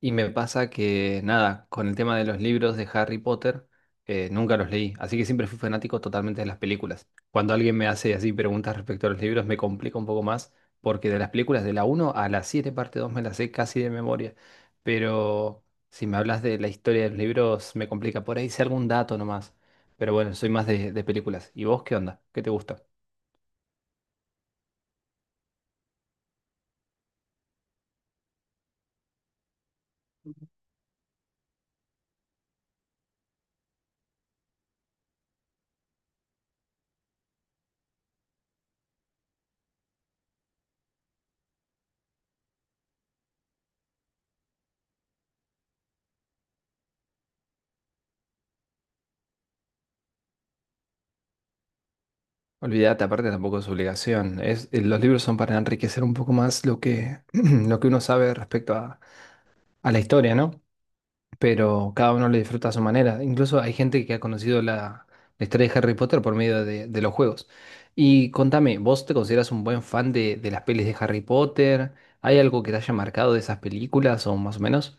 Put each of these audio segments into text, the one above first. Y me pasa que, nada, con el tema de los libros de Harry Potter, nunca los leí, así que siempre fui fanático totalmente de las películas. Cuando alguien me hace así preguntas respecto a los libros, me complica un poco más, porque de las películas de la uno a la 7 parte 2 me las sé casi de memoria. Pero si me hablas de la historia de los libros, me complica. Por ahí sé algún dato nomás. Pero bueno, soy más de películas. ¿Y vos qué onda? ¿Qué te gusta? Olvídate, aparte tampoco es obligación. Es, los libros son para enriquecer un poco más lo que, lo que uno sabe respecto a la historia, ¿no? Pero cada uno lo disfruta a su manera. Incluso hay gente que ha conocido la historia de Harry Potter por medio de los juegos. Y contame, ¿vos te consideras un buen fan de las pelis de Harry Potter? ¿Hay algo que te haya marcado de esas películas o más o menos?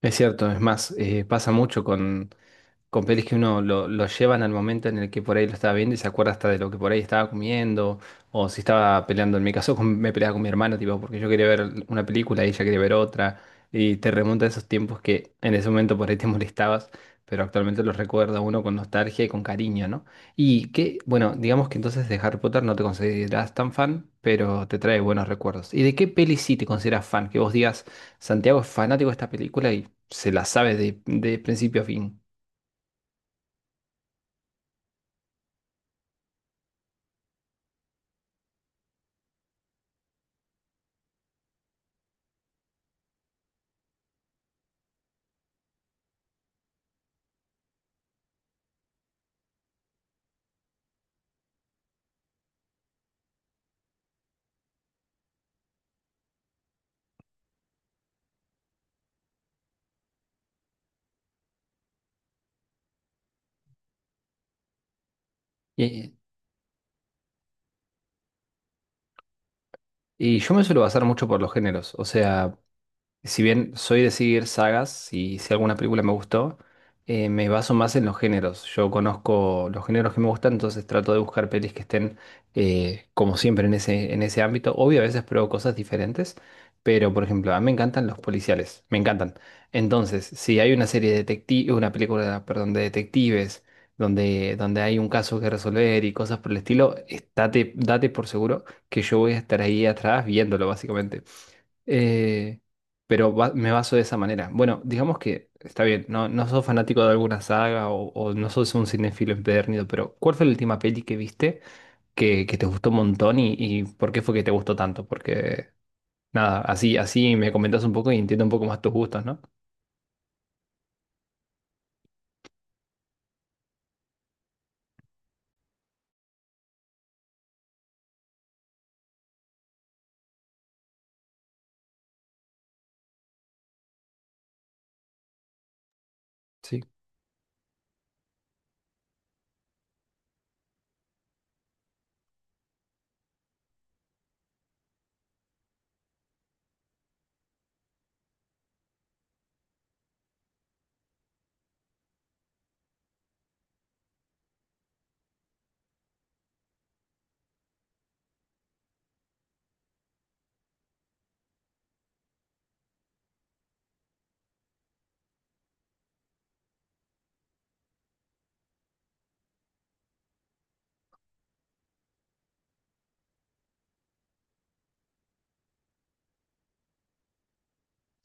Es cierto, es más, pasa mucho con pelis que uno lo llevan al momento en el que por ahí lo estaba viendo y se acuerda hasta de lo que por ahí estaba comiendo o si estaba peleando. En mi caso me peleaba con mi hermano, tipo, porque yo quería ver una película y ella quería ver otra. Y te remonta a esos tiempos que en ese momento por ahí te molestabas, pero actualmente los recuerda uno con nostalgia y con cariño, ¿no? Y que, bueno, digamos que entonces de Harry Potter no te consideras tan fan, pero te trae buenos recuerdos. ¿Y de qué peli sí te consideras fan? Que vos digas, Santiago es fanático de esta película y se la sabe de principio a fin. Y yo me suelo basar mucho por los géneros. O sea, si bien soy de seguir sagas y si alguna película me gustó, me baso más en los géneros. Yo conozco los géneros que me gustan, entonces trato de buscar pelis que estén, como siempre, en en ese ámbito. Obvio, a veces pruebo cosas diferentes, pero por ejemplo, a mí me encantan los policiales, me encantan. Entonces, si hay una serie de detectives, una película, perdón, de detectives, donde hay un caso que resolver y cosas por el estilo, date por seguro que yo voy a estar ahí atrás viéndolo, básicamente. Eh, me baso de esa manera. Bueno, digamos que está bien, no, no sos fanático de alguna saga o no sos un cinéfilo empedernido, pero ¿cuál fue la última peli que viste que te gustó un montón y por qué fue que te gustó tanto? Porque nada, así me comentas un poco y entiendo un poco más tus gustos, ¿no? Sí,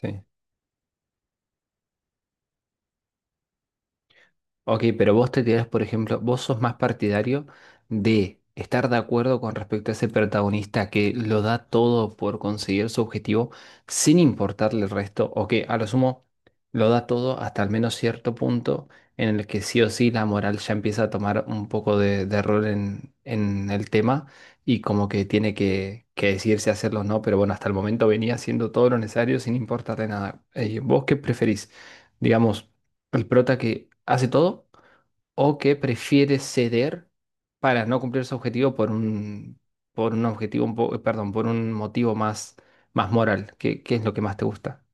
sí. Ok, pero vos te tirás, por ejemplo, vos sos más partidario de estar de acuerdo con respecto a ese protagonista que lo da todo por conseguir su objetivo sin importarle el resto, o que a lo sumo lo da todo hasta al menos cierto punto en el que sí o sí la moral ya empieza a tomar un poco de rol en el tema y como que tiene que decidirse hacerlo o no, pero bueno, hasta el momento venía haciendo todo lo necesario sin importarle nada. ¿Vos qué preferís? Digamos, el prota que hace todo o que prefiere ceder para no cumplir su objetivo por por un objetivo, perdón, por un motivo más moral. ¿Qué, qué es lo que más te gusta?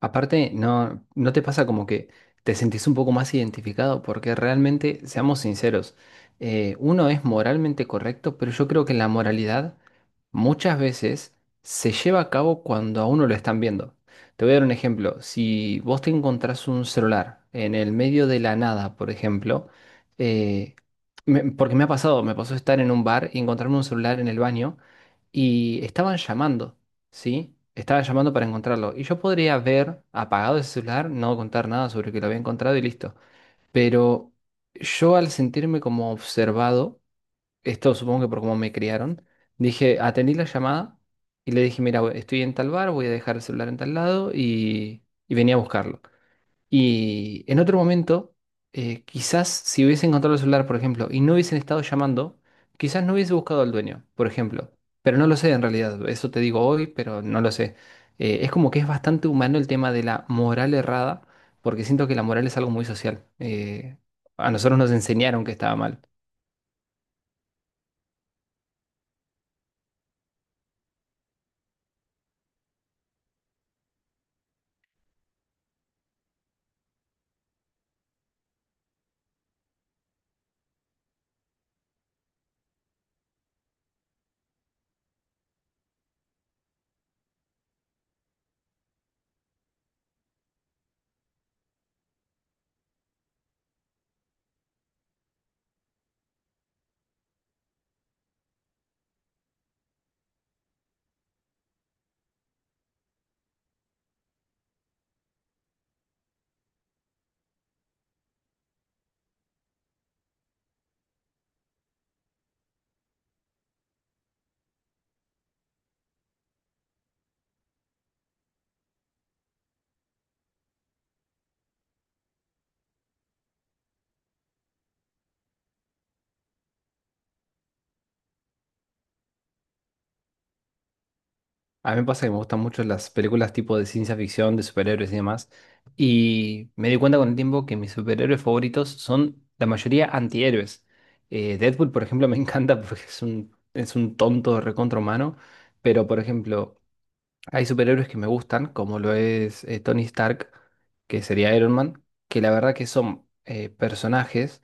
Aparte, no, ¿no te pasa como que te sentís un poco más identificado? Porque realmente, seamos sinceros, uno es moralmente correcto, pero yo creo que la moralidad muchas veces se lleva a cabo cuando a uno lo están viendo. Te voy a dar un ejemplo. Si vos te encontrás un celular en el medio de la nada, por ejemplo, eh, porque me ha pasado, me pasó estar en un bar y encontrarme un celular en el baño y estaban llamando. ¿Sí? Estaba llamando para encontrarlo. Y yo podría haber apagado ese celular, no contar nada sobre que lo había encontrado y listo. Pero yo al sentirme como observado, esto supongo que por cómo me criaron, dije, atendí la llamada y le dije, mira, estoy en tal bar, voy a dejar el celular en tal lado y venía a buscarlo. Y en otro momento, quizás si hubiese encontrado el celular, por ejemplo, y no hubiesen estado llamando, quizás no hubiese buscado al dueño, por ejemplo. Pero no lo sé en realidad, eso te digo hoy, pero no lo sé. Es como que es bastante humano el tema de la moral errada, porque siento que la moral es algo muy social. A nosotros nos enseñaron que estaba mal. A mí me pasa que me gustan mucho las películas tipo de ciencia ficción, de superhéroes y demás. Y me di cuenta con el tiempo que mis superhéroes favoritos son la mayoría antihéroes. Deadpool, por ejemplo, me encanta porque es un tonto recontra humano. Pero, por ejemplo, hay superhéroes que me gustan, como lo es Tony Stark, que sería Iron Man, que la verdad que son personajes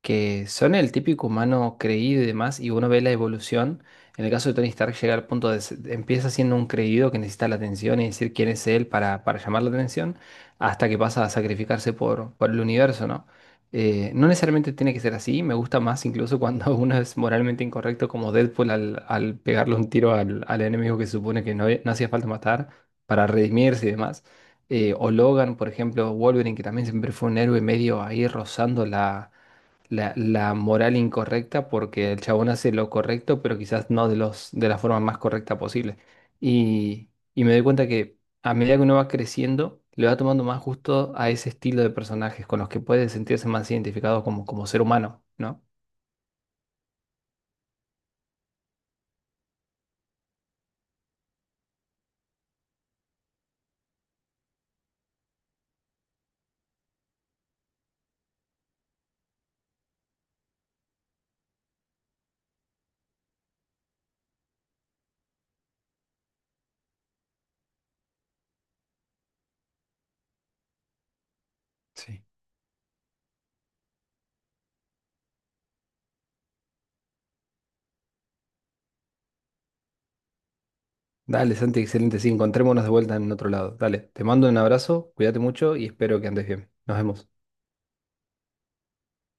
que son el típico humano creído y demás, y uno ve la evolución. En el caso de Tony Stark llega al punto de empieza siendo un creído que necesita la atención y decir quién es él para llamar la atención, hasta que pasa a sacrificarse por el universo, ¿no? No necesariamente tiene que ser así, me gusta más incluso cuando uno es moralmente incorrecto como Deadpool al pegarle un tiro al enemigo que se supone que no, no hacía falta matar para redimirse y demás. O Logan, por ejemplo, Wolverine, que también siempre fue un héroe medio ahí rozando la moral incorrecta porque el chabón hace lo correcto, pero quizás no de la forma más correcta posible. Y me doy cuenta que a medida que uno va creciendo, le va tomando más gusto a ese estilo de personajes con los que puede sentirse más identificado como, como ser humano, ¿no? Sí. Dale, Santi, excelente. Sí, encontrémonos de vuelta en otro lado. Dale, te mando un abrazo, cuídate mucho y espero que andes bien. Nos vemos.